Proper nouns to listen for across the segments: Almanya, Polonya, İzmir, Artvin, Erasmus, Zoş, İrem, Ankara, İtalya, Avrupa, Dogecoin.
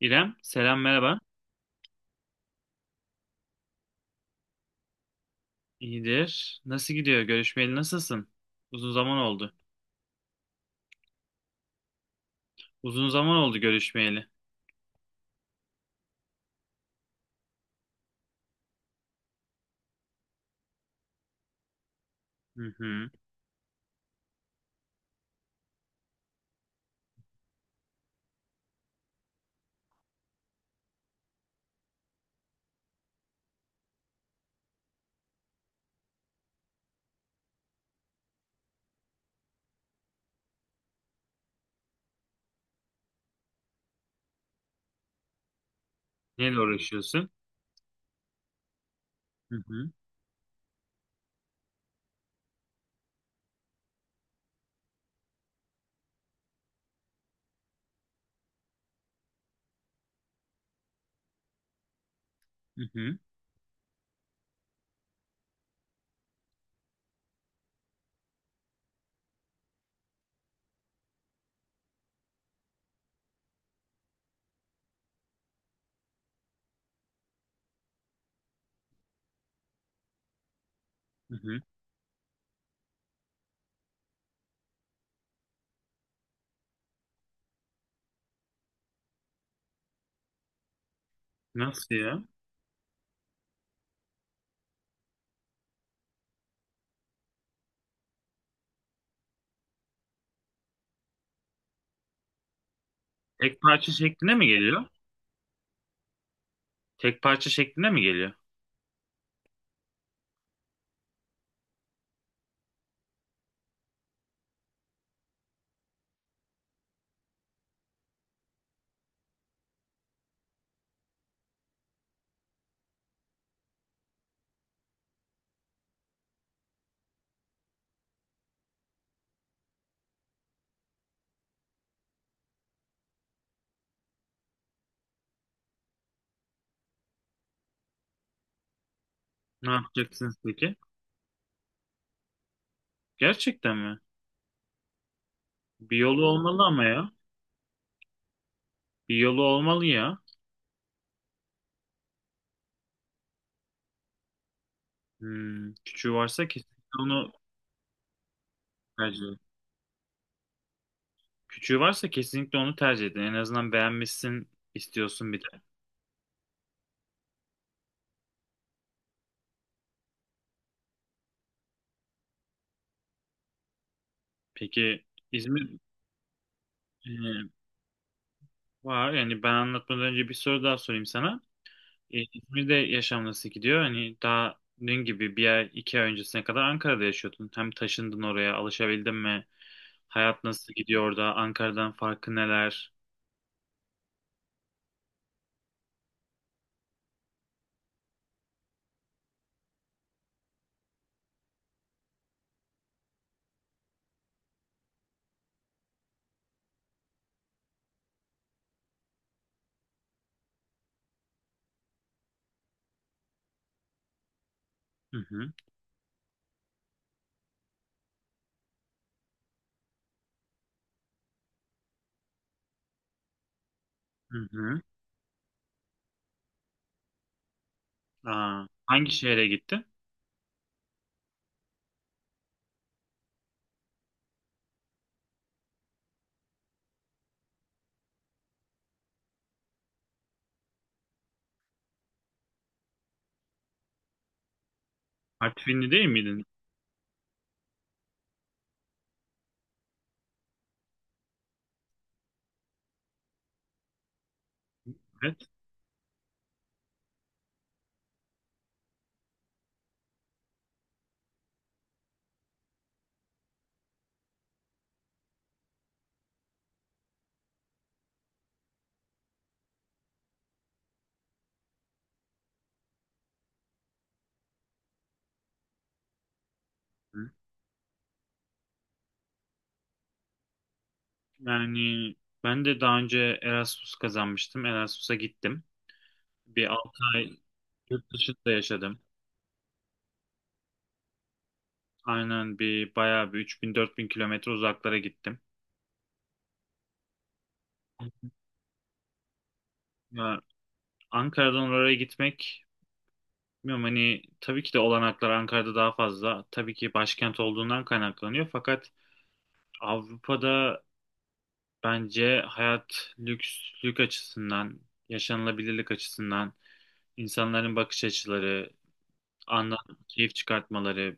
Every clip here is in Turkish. İrem, selam merhaba. İyidir. Nasıl gidiyor? Görüşmeyeli nasılsın? Uzun zaman oldu. Uzun zaman oldu görüşmeyeli. Hı hı. Neyle uğraşıyorsun? Hı hı. Hı hı. Hı hı. Nasıl ya? Tek parça şeklinde mi geliyor? Tek parça şeklinde mi geliyor? Ne yapacaksınız peki? Gerçekten mi? Bir yolu olmalı ama ya. Bir yolu olmalı ya. Hmm. Küçüğü varsa kesinlikle onu tercih edin. Küçüğü varsa kesinlikle onu tercih edin. En azından beğenmişsin istiyorsun bir de. Peki İzmir, ee, var yani ben anlatmadan önce bir soru daha sorayım sana. İzmir'de yaşam nasıl gidiyor? Hani daha dün gibi bir ay iki ay öncesine kadar Ankara'da yaşıyordun. Hem taşındın oraya alışabildin mi? Hayat nasıl gidiyor orada? Ankara'dan farkı neler? Hı hı. Hı hı. Aa, hangi şehre gittin? Artvinli değil miydin? Evet. Hı. Yani ben de daha önce Erasmus kazanmıştım. Erasmus'a gittim. Bir 6 ay yurt dışında yaşadım. Aynen, bir bayağı bir 3000-4000 kilometre uzaklara gittim. Ya, Ankara'dan oraya gitmek bilmiyorum hani tabii ki de olanaklar Ankara'da daha fazla. Tabii ki başkent olduğundan kaynaklanıyor. Fakat Avrupa'da bence hayat lükslük açısından, yaşanılabilirlik açısından, insanların bakış açıları, andan keyif çıkartmaları.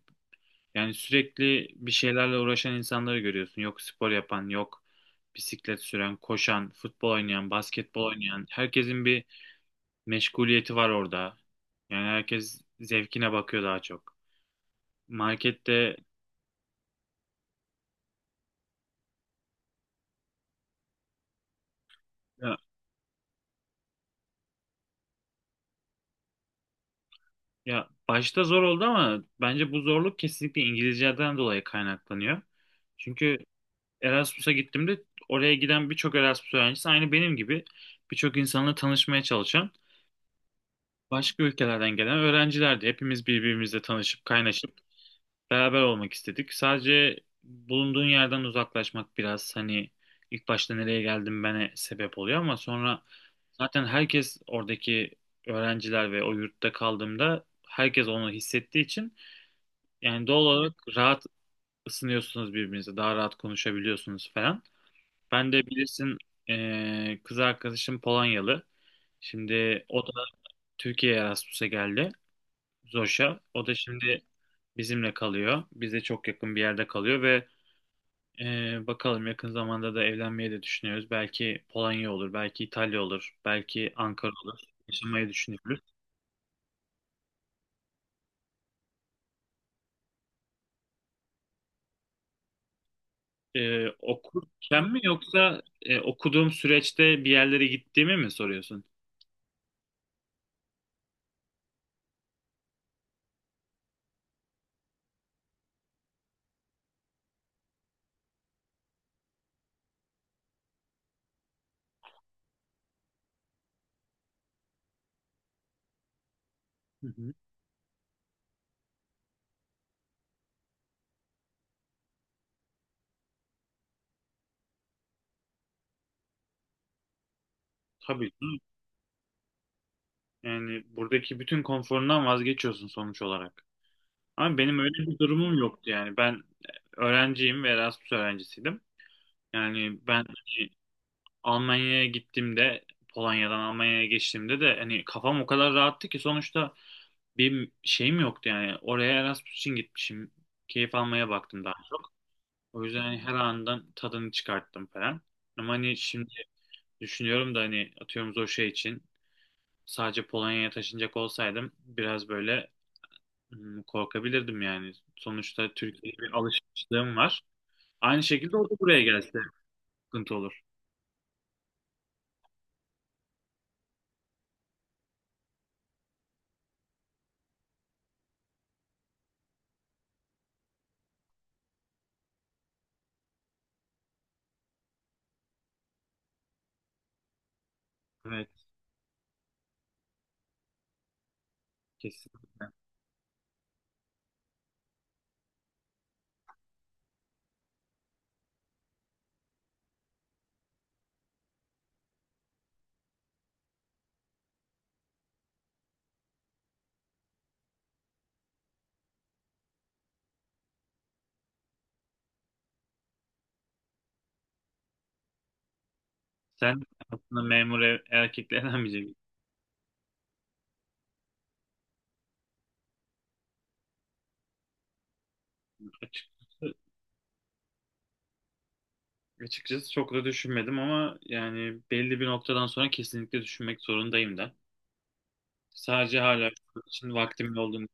Yani sürekli bir şeylerle uğraşan insanları görüyorsun. Yok spor yapan, yok bisiklet süren, koşan, futbol oynayan, basketbol oynayan. Herkesin bir meşguliyeti var orada. Yani herkes zevkine bakıyor daha çok. Markette ya, ya başta zor oldu ama bence bu zorluk kesinlikle İngilizceden dolayı kaynaklanıyor. Çünkü Erasmus'a gittiğimde oraya giden birçok Erasmus öğrencisi aynı benim gibi birçok insanla tanışmaya çalışan başka ülkelerden gelen öğrencilerdi. Hepimiz birbirimizle tanışıp kaynaşıp beraber olmak istedik. Sadece bulunduğun yerden uzaklaşmak biraz hani ilk başta nereye geldim bana sebep oluyor ama sonra zaten herkes oradaki öğrenciler ve o yurtta kaldığımda herkes onu hissettiği için yani doğal olarak rahat ısınıyorsunuz birbirinize, daha rahat konuşabiliyorsunuz falan. Ben de bilirsin kız arkadaşım Polonyalı. Şimdi o da Türkiye'ye Erasmus'a geldi. Zoş'a. O da şimdi bizimle kalıyor. Bize çok yakın bir yerde kalıyor ve bakalım yakın zamanda da evlenmeyi de düşünüyoruz. Belki Polonya olur, belki İtalya olur, belki Ankara olur. Yaşamayı düşünüyoruz. Okurken mi yoksa okuduğum süreçte bir yerlere gittiğimi mi soruyorsun? Hı hı. Tabii ki. Yani buradaki bütün konforundan vazgeçiyorsun sonuç olarak. Ama benim öyle bir durumum yoktu yani. Ben öğrenciyim ve Erasmus öğrencisiydim. Yani ben hani, Almanya'ya gittiğimde Polonya'dan Almanya'ya geçtiğimde de hani kafam o kadar rahattı ki sonuçta bir şeyim yoktu yani. Oraya Erasmus için gitmişim. Keyif almaya baktım daha çok. O yüzden hani her andan tadını çıkarttım falan. Ama hani şimdi düşünüyorum da hani atıyorum o şey için sadece Polonya'ya taşınacak olsaydım biraz böyle, hmm, korkabilirdim yani. Sonuçta Türkiye'ye bir alışmışlığım var. Aynı şekilde o da buraya gelse sıkıntı olur. Evet, kesin. Sen aslında memur erkeklerden biri açıkçası. Açıkçası çok da düşünmedim ama yani belli bir noktadan sonra kesinlikle düşünmek zorundayım da. Sadece hala şu an için vaktimin olduğunu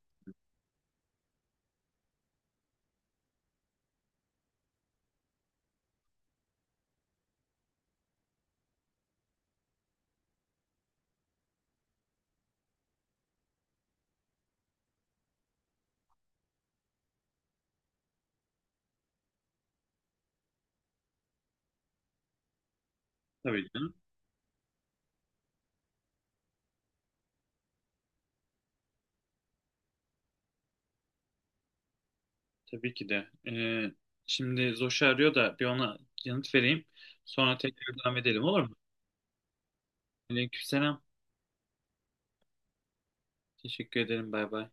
tabii canım. Tabii ki de. Şimdi Zoş'u arıyor da bir ona yanıt vereyim. Sonra tekrar devam edelim olur mu? Aleykümselam. Teşekkür ederim. Bay bay.